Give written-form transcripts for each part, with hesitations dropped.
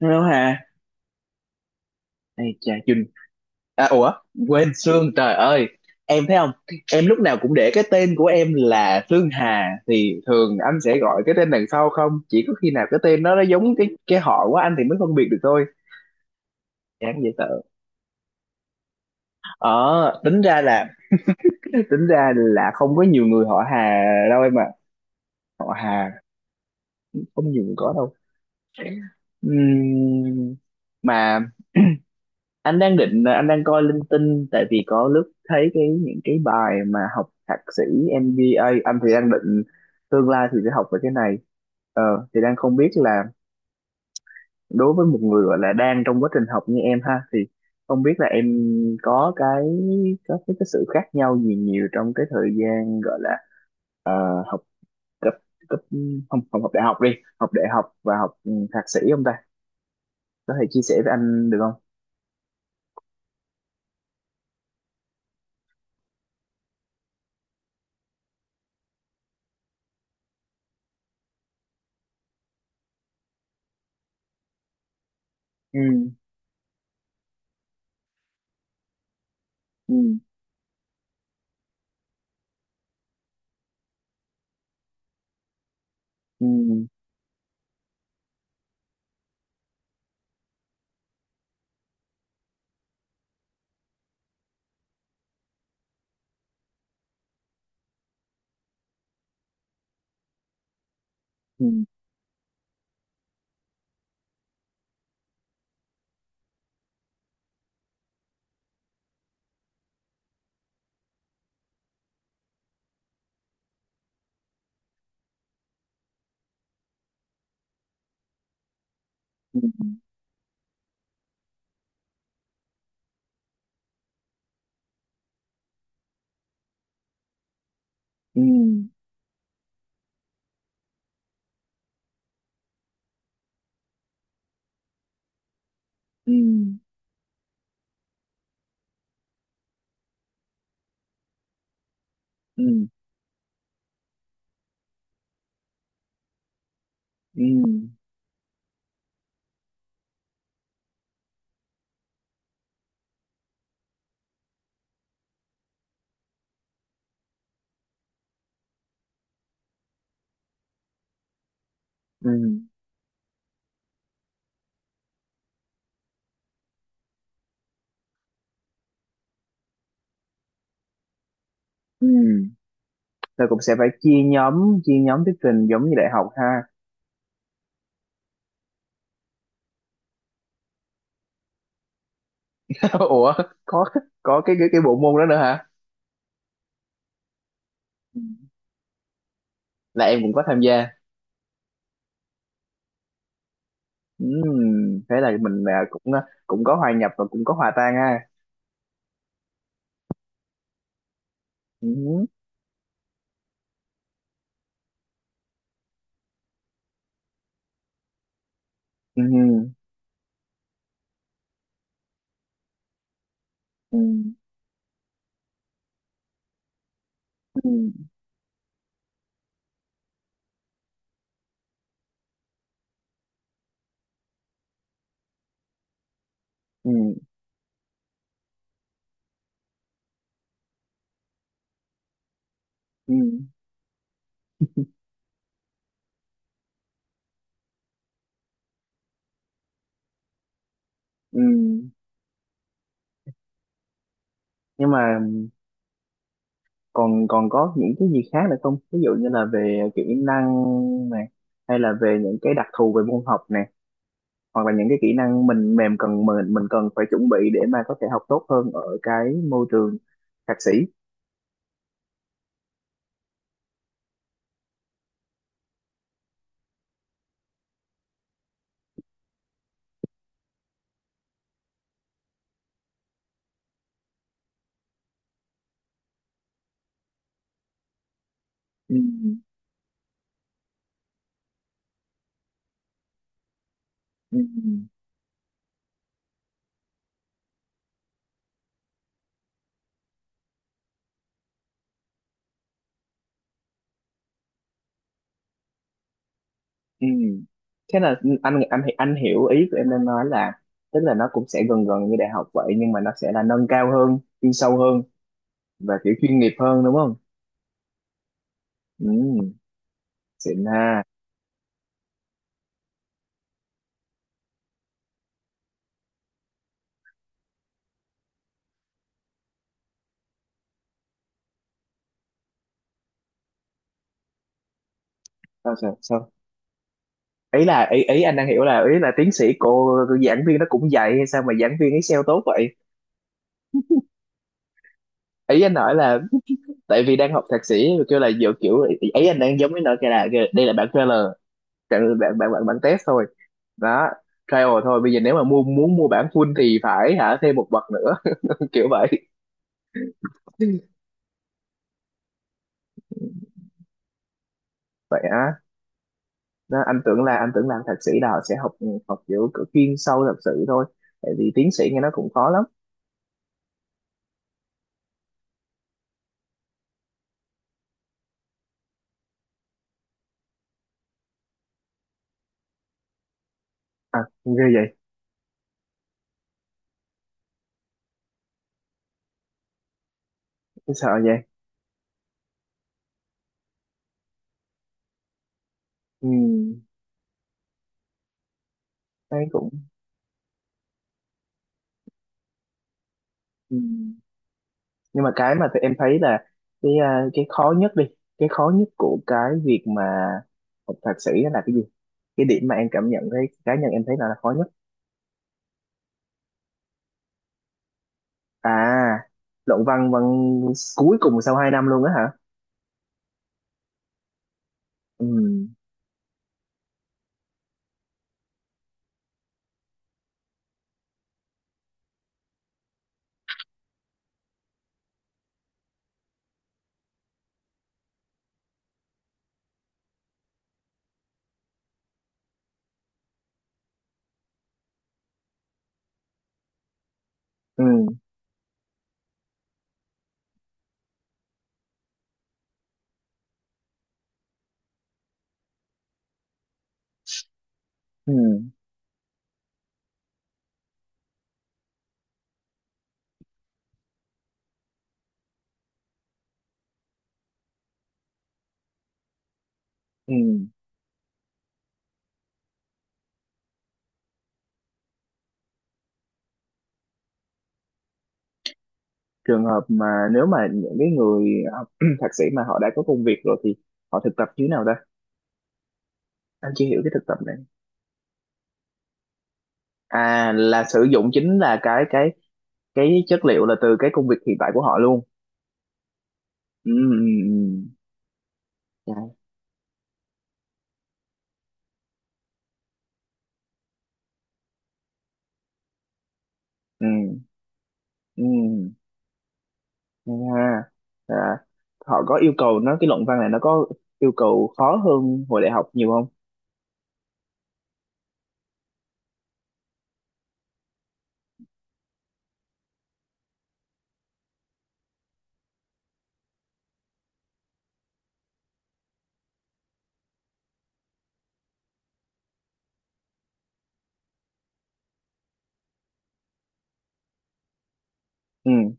Hello Hà, ai chà Trinh, à, ủa quên Sương trời ơi, em thấy không? Em lúc nào cũng để cái tên của em là Sương Hà thì thường anh sẽ gọi cái tên đằng sau không? Chỉ có khi nào cái tên nó giống cái họ của anh thì mới phân biệt được thôi. Chán dễ sợ. Ờ, tính ra là không có nhiều người họ Hà đâu em ạ. Họ Hà không nhiều người có đâu. Ừm, mà anh đang định anh đang coi linh tinh tại vì có lúc thấy cái những cái bài mà học thạc sĩ MBA, anh thì đang định tương lai thì sẽ học về cái này, ờ, thì đang không biết là đối với một người gọi là đang trong quá trình học như em ha thì không biết là em có cái cái sự khác nhau gì nhiều trong cái thời gian gọi là ờ, học cấp cấp không không học đại học đi, học đại học và học ừ, thạc sĩ không ta, có thể chia sẻ với anh được không. Ừ ừ ừ ừ, ừ. Ừm, ừm, ừm, ừm, ừm, ừm. Rồi cũng sẽ phải chia nhóm, chia nhóm thuyết trình giống như đại học ha. ủa, có có cái bộ môn đó nữa hả? Ừ, là em cũng có tham gia. Thế là mình à, cũng có hòa nhập và cũng có hòa tan ha. Ừm, ừm, ừm, ừm, ừm, ừm, ừm. Nhưng mà, còn còn có những cái gì khác nữa không, ví dụ như là về kỹ năng này, hay là về những cái đặc thù về môn học này, hoặc là những cái kỹ năng mình mềm cần, mình cần phải chuẩn bị để mà có thể học tốt hơn ở cái môi trường thạc sĩ. Ừ. Ừ. Ừ. Thế là anh hiểu ý của em đang nói là tức là nó cũng sẽ gần gần như đại học vậy, nhưng mà nó sẽ là nâng cao hơn, chuyên sâu hơn và kiểu chuyên nghiệp hơn đúng không. Ừ. Xịn ha. Sao sao sao, ý anh đang hiểu là, ý là tiến sĩ, cô giảng viên nó cũng dạy hay sao mà giảng viên ấy sale tốt vậy. Ý anh nói là tại vì đang học thạc sĩ rồi kêu là dựa kiểu ấy, anh đang giống với nợ cái là kìa, đây là bản trailer, bản bản bản, bản, test thôi đó, trial thôi. Bây giờ nếu mà mua, muốn mua bản full thì phải hả thêm một bậc nữa. kiểu vậy. Vậy á? Đó, anh tưởng là, anh tưởng làm thạc sĩ là họ sẽ học, học kiểu kiểu chuyên sâu thật sự thôi, tại vì tiến sĩ nghe nó cũng khó lắm. À, ghê vậy. Sợ vậy. Ừ, thấy cũng. Ừ. Nhưng mà cái mà tụi em thấy là, cái à, cái khó nhất đi, cái khó nhất của cái việc mà học thạc sĩ đó là cái gì, cái điểm mà em cảm nhận thấy, cá nhân em thấy là khó nhất. À, luận văn văn cuối cùng sau 2 năm luôn á hả? Ừ ừ ừ ừ. Trường hợp mà nếu mà những cái người học thạc sĩ mà họ đã có công việc rồi thì họ thực tập như thế nào ta? Anh chưa hiểu cái thực tập này. À, là sử dụng chính là cái chất liệu là từ cái công việc hiện tại của họ luôn. Ừ ừ ừ. Dạ. Ừ. Ừ. Hay ha. Dạ. Họ có yêu cầu nó, cái luận văn này nó có yêu cầu khó hơn hồi đại học nhiều không? Ừ.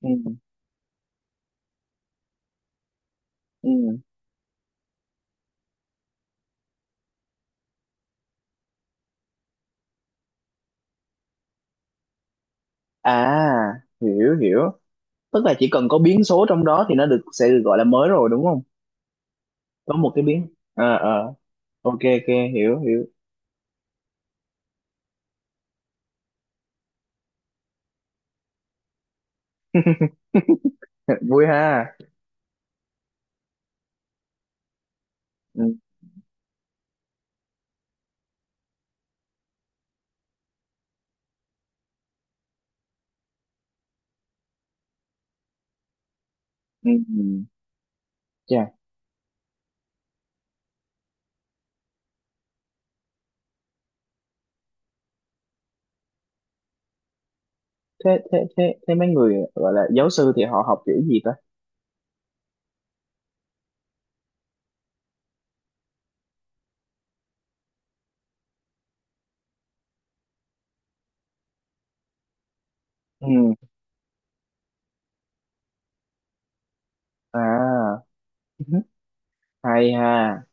Ừ. Ừ. À, hiểu hiểu. Tức là chỉ cần có biến số trong đó thì nó được, sẽ được gọi là mới rồi đúng không? Có một cái biến. Ờ ờ. Ok ok, hiểu hiểu. Vui ha. Ừ. Ừ. Ừ. Chà, thế thế thế thế mấy người gọi là giáo sư thì họ học kiểu gì ta? Ừ. À, hay ha.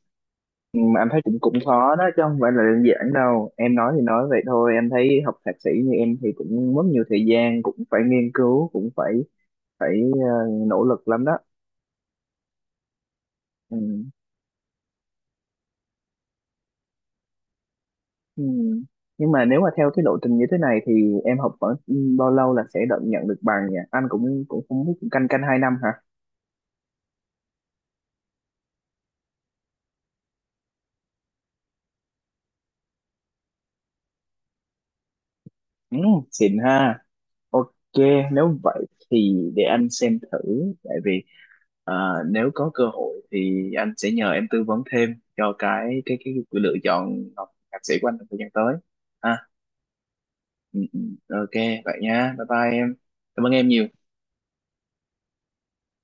Ừ, mà em thấy cũng cũng khó đó chứ không phải là đơn giản đâu, em nói thì nói vậy thôi, em thấy học thạc sĩ như em thì cũng mất nhiều thời gian, cũng phải nghiên cứu, cũng phải phải ờ, nỗ lực lắm đó. Ừ. Ừ. Nhưng mà nếu mà theo cái lộ trình như thế này thì em học khoảng bao lâu là sẽ được, nhận được bằng nhỉ, anh cũng cũng không biết, cũng canh canh 2 năm hả? Ừ, xịn ha. Ok, nếu vậy thì để anh xem thử, tại vì à, nếu có cơ hội thì anh sẽ nhờ em tư vấn thêm cho cái lựa chọn học thạc sĩ của anh trong thời gian tới. À, ừ, ừ, ok, vậy nha, bye bye em, cảm ơn em nhiều.